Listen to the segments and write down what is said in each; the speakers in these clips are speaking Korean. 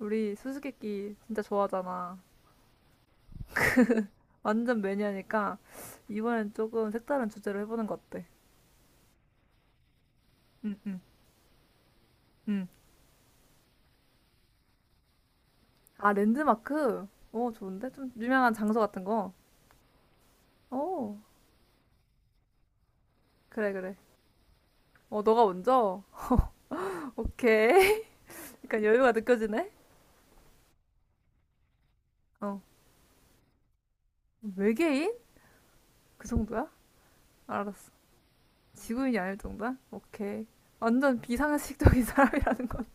우리 수수께끼 진짜 좋아하잖아. 완전 매니아니까 이번엔 조금 색다른 주제로 해보는 거 어때? 응, 응, 응. 아, 랜드마크? 어, 좋은데? 좀 유명한 장소 같은 거? 어, 그래, 그래. 어, 너가 먼저? 오케이. 약간 여유가 느껴지네? 어. 외계인? 그 정도야? 알았어. 지구인이 아닐 정도야? 오케이. 완전 비상식적인 사람이라는 건.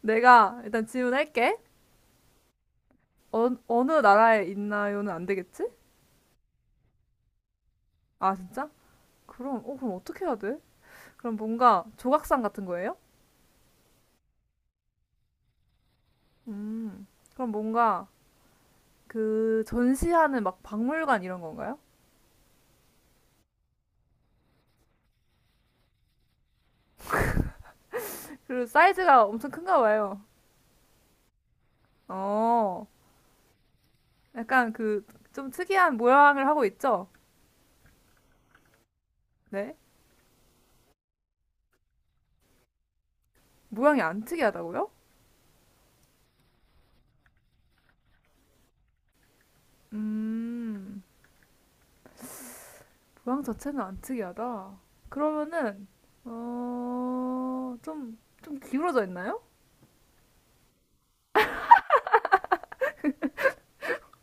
내가 일단 질문할게. 어느 나라에 있나요는 안 되겠지? 아, 진짜? 그럼 어떻게 해야 돼? 그럼 뭔가 조각상 같은 거예요? 음, 그럼 뭔가 그 전시하는 막 박물관 이런 건가요? 그리고 사이즈가 엄청 큰가 봐요. 어, 약간 그 좀 특이한 모양을 하고 있죠? 네? 모양이 안 특이하다고요? 음, 모양 자체는 안 특이하다. 그러면은, 어, 좀, 좀 기울어져 있나요?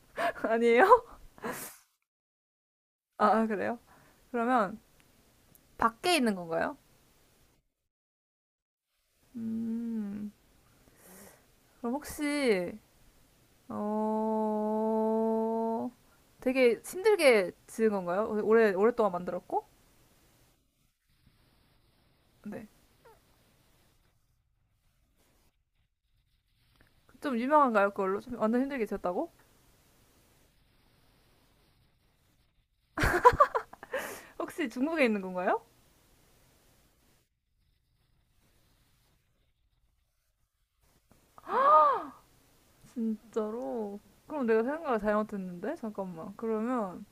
아니에요? 아, 그래요? 그러면 밖에 있는 건가요? 음, 그럼 혹시 어 되게 힘들게 지은 건가요? 오래 오랫동안 만들었고? 네. 좀 유명한가요? 그걸로 좀 완전 힘들게 지었다고? 혹시 중국에 있는 건가요? 진짜로? 그럼 내가 생각을 잘못했는데 잠깐만. 그러면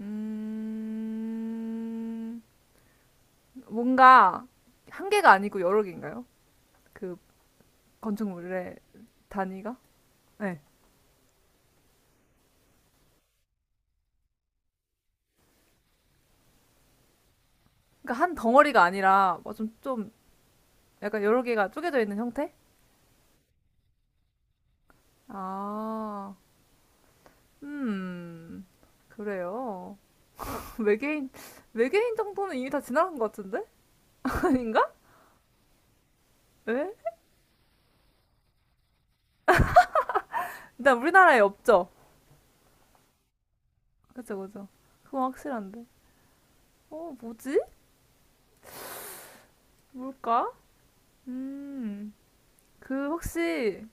음 뭔가 한 개가 아니고 여러 개인가요? 그 건축물의 단위가? 네. 그러니까 한 덩어리가 아니라 뭐 좀 약간 여러 개가 쪼개져 있는 형태? 아. 음. 그래요. 외계인 외계인 정도는 이미 다 지나간 것 같은데? 아닌가? 왜? 일단 우리나라에 없죠. 그죠, 그죠. 그건 확실한데. 어, 뭐지? 뭘까? 음. 그 혹시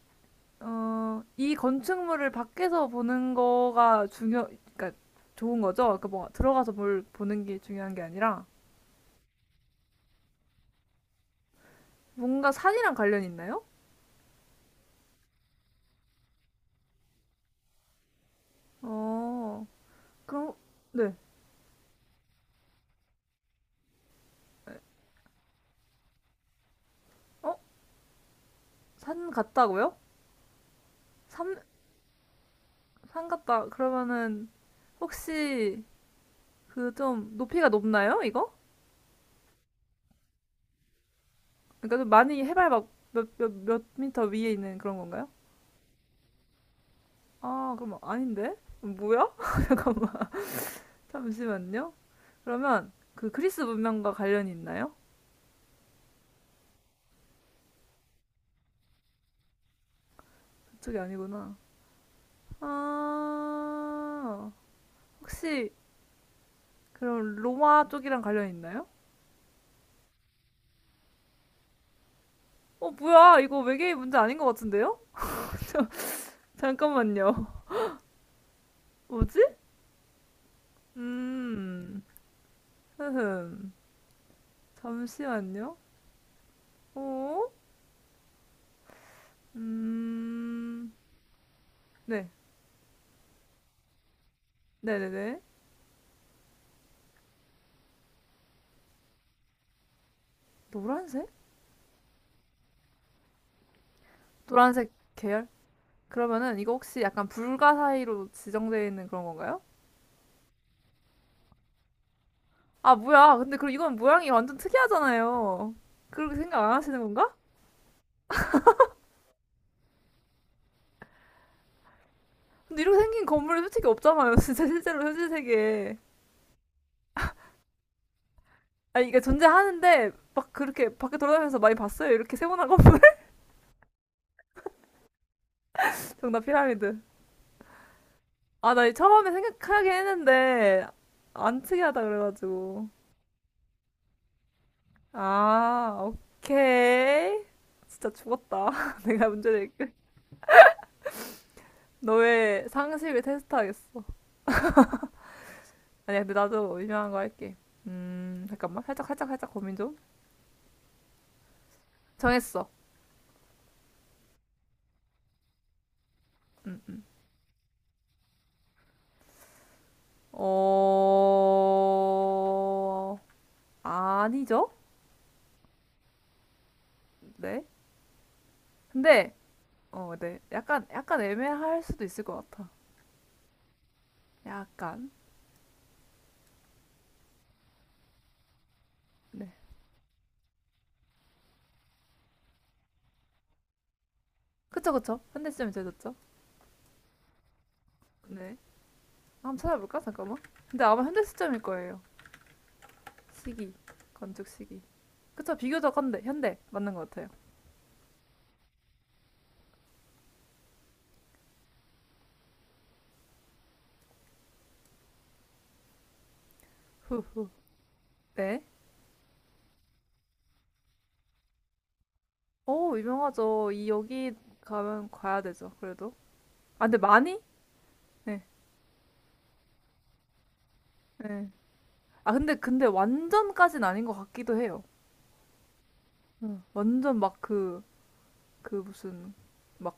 이 건축물을 밖에서 보는 거가 중요 그러니까 좋은 거죠? 그러니까 뭐 들어가서 뭘 보는 게 중요한 게 아니라 뭔가 산이랑 관련이 있나요? 어. 그럼 네. 어? 산 같다고요? 삼, 삼 같다 그러면은 혹시 그 좀 높이가 높나요, 이거? 그러니까 좀 많이 해발 막 몇 미터 위에 있는 그런 건가요? 아, 그럼 아닌데? 뭐야? 잠깐만. 잠시만요. 그러면 그 그리스 문명과 관련이 있나요? 그쪽이 아니구나. 아, 혹시 그럼 로마 쪽이랑 관련이 있나요? 뭐야. 이거 외계인 문제 아닌 것 같은데요? 잠깐만요. 뭐지? 음, 흐흠. 잠시만요. 어? 음. 네. 네네네. 노란색? 노란색 계열? 그러면은 이거 혹시 약간 불가 사이로 지정되어 있는 그런 건가요? 아, 뭐야. 근데 그럼 이건 모양이 완전 특이하잖아요. 그렇게 생각 안 하시는 건가? 근데 이렇게 생긴 건물이 솔직히 없잖아요. 진짜 실제로 현실 세계에. 아니, 이게 존재하는데 막 그렇게 밖에 돌아다니면서 많이 봤어요. 이렇게 세모난 건물. 정답 피라미드. 아, 나 처음에 생각하긴 했는데 안 특이하다 그래가지고. 아, 오케이. 진짜 죽었다. 내가 문제 낼게. 너의 상식을 테스트하겠어. 아니야, 근데 나도 유명한 거 할게. 잠깐만. 살짝, 살짝, 살짝 고민 좀. 정했어. 음, 음. 어, 아니죠? 네. 근데, 어, 네. 약간, 약간 애매할 수도 있을 것 같아. 약간. 네. 그쵸, 그쵸. 현대 시점이 제졌죠? 네. 한번 찾아볼까? 잠깐만. 근데 아마 현대 시점일 거예요. 시기. 건축 시기. 그쵸, 비교적 현대, 현대 맞는 것 같아요. 후, 네. 오, 유명하죠. 이 여기 가면 가야 되죠. 그래도. 아, 근데 많이? 네, 네. 아, 근데 완전까진 아닌 것 같기도 해요. 응. 완전 막 그 무슨 막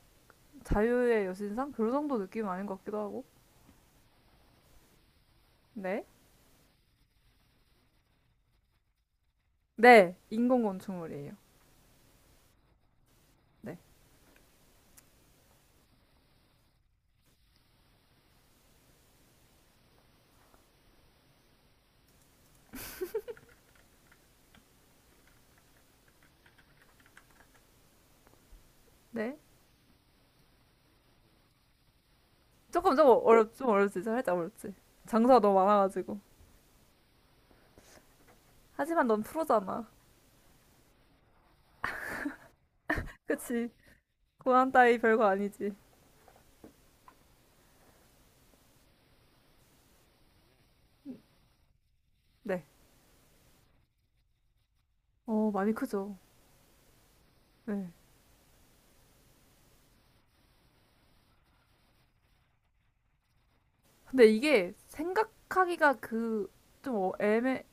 자유의 여신상 그 정도 느낌은 아닌 것 같기도 하고. 네, 네, 인공 건축물이에요. 네, 네. 조금 조금 좀 어렵지, 살짝 어렵지. 장사가 너무 많아가지고. 하지만 넌 프로잖아. 그치? 고난 따위 별거 아니지. 네. 어, 많이 크죠. 네. 근데 이게 생각하기가 그, 좀 어- 애매,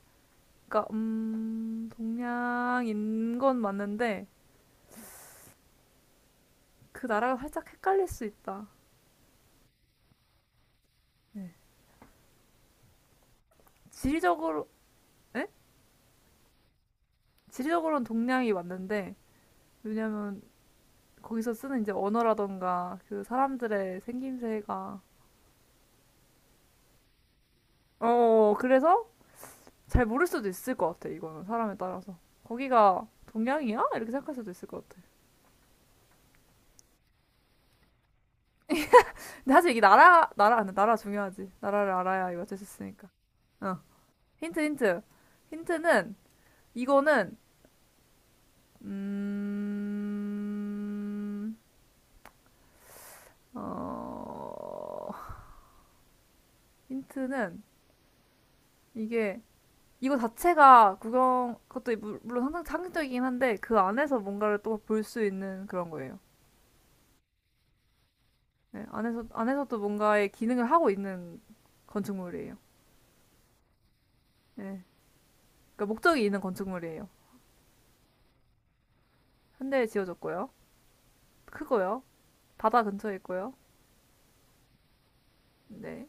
그니까, 동양인 건 맞는데, 그 나라가 살짝 헷갈릴 수 있다. 네. 지리적으로, 에? 지리적으로는 동양이 맞는데, 왜냐면, 거기서 쓰는 이제 언어라던가, 그 사람들의 생김새가, 어, 어, 어, 그래서 잘 모를 수도 있을 것 같아, 이거는. 사람에 따라서. 거기가 동양이야? 이렇게 생각할 수도 있을 것 같아. 근데 사실 이게 나라, 나라, 안 돼. 나라 중요하지. 나라를 알아야 이거 어쩔 수 있으니까. 어. 힌트, 힌트. 힌트는, 이거는, 음, 어, 힌트는, 이게, 이거 자체가 구경, 그것도 물론 항상 상징적이긴 한데, 그 안에서 뭔가를 또 볼 수 있는 그런 거예요. 네, 안에서, 안에서도 뭔가의 기능을 하고 있는 건축물이에요. 네. 그러니까 목적이 있는 건축물이에요. 현대에 지어졌고요. 크고요. 바다 근처에 있고요. 네.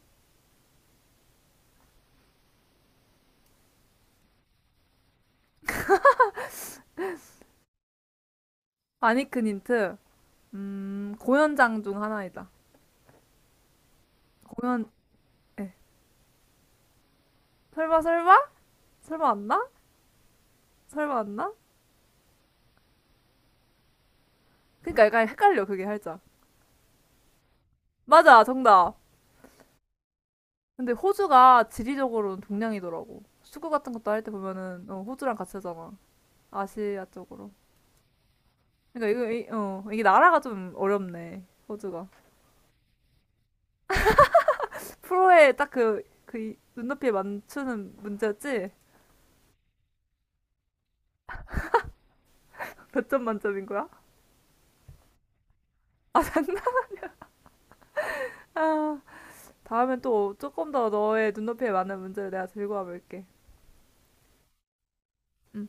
아니큰 힌트. 공연장 중 하나이다. 공연, 예. 설마, 설마? 설마 안 나? 설마 안 나? 그러니까 약간 헷갈려, 그게 살짝. 맞아, 정답. 근데 호주가 지리적으로는 동양이더라고. 축구 같은 것도 할 때 보면은, 호주랑 같이 하잖아. 아시아 쪽으로. 그러니까 이게 나라가 좀 어렵네, 호주가. 프로에 딱 눈높이에 맞추는 문제였지? 몇 점 만점인 거야? 장난, 아. 다음엔 또 조금 더 너의 눈높이에 맞는 문제를 내가 들고 와볼게. 음.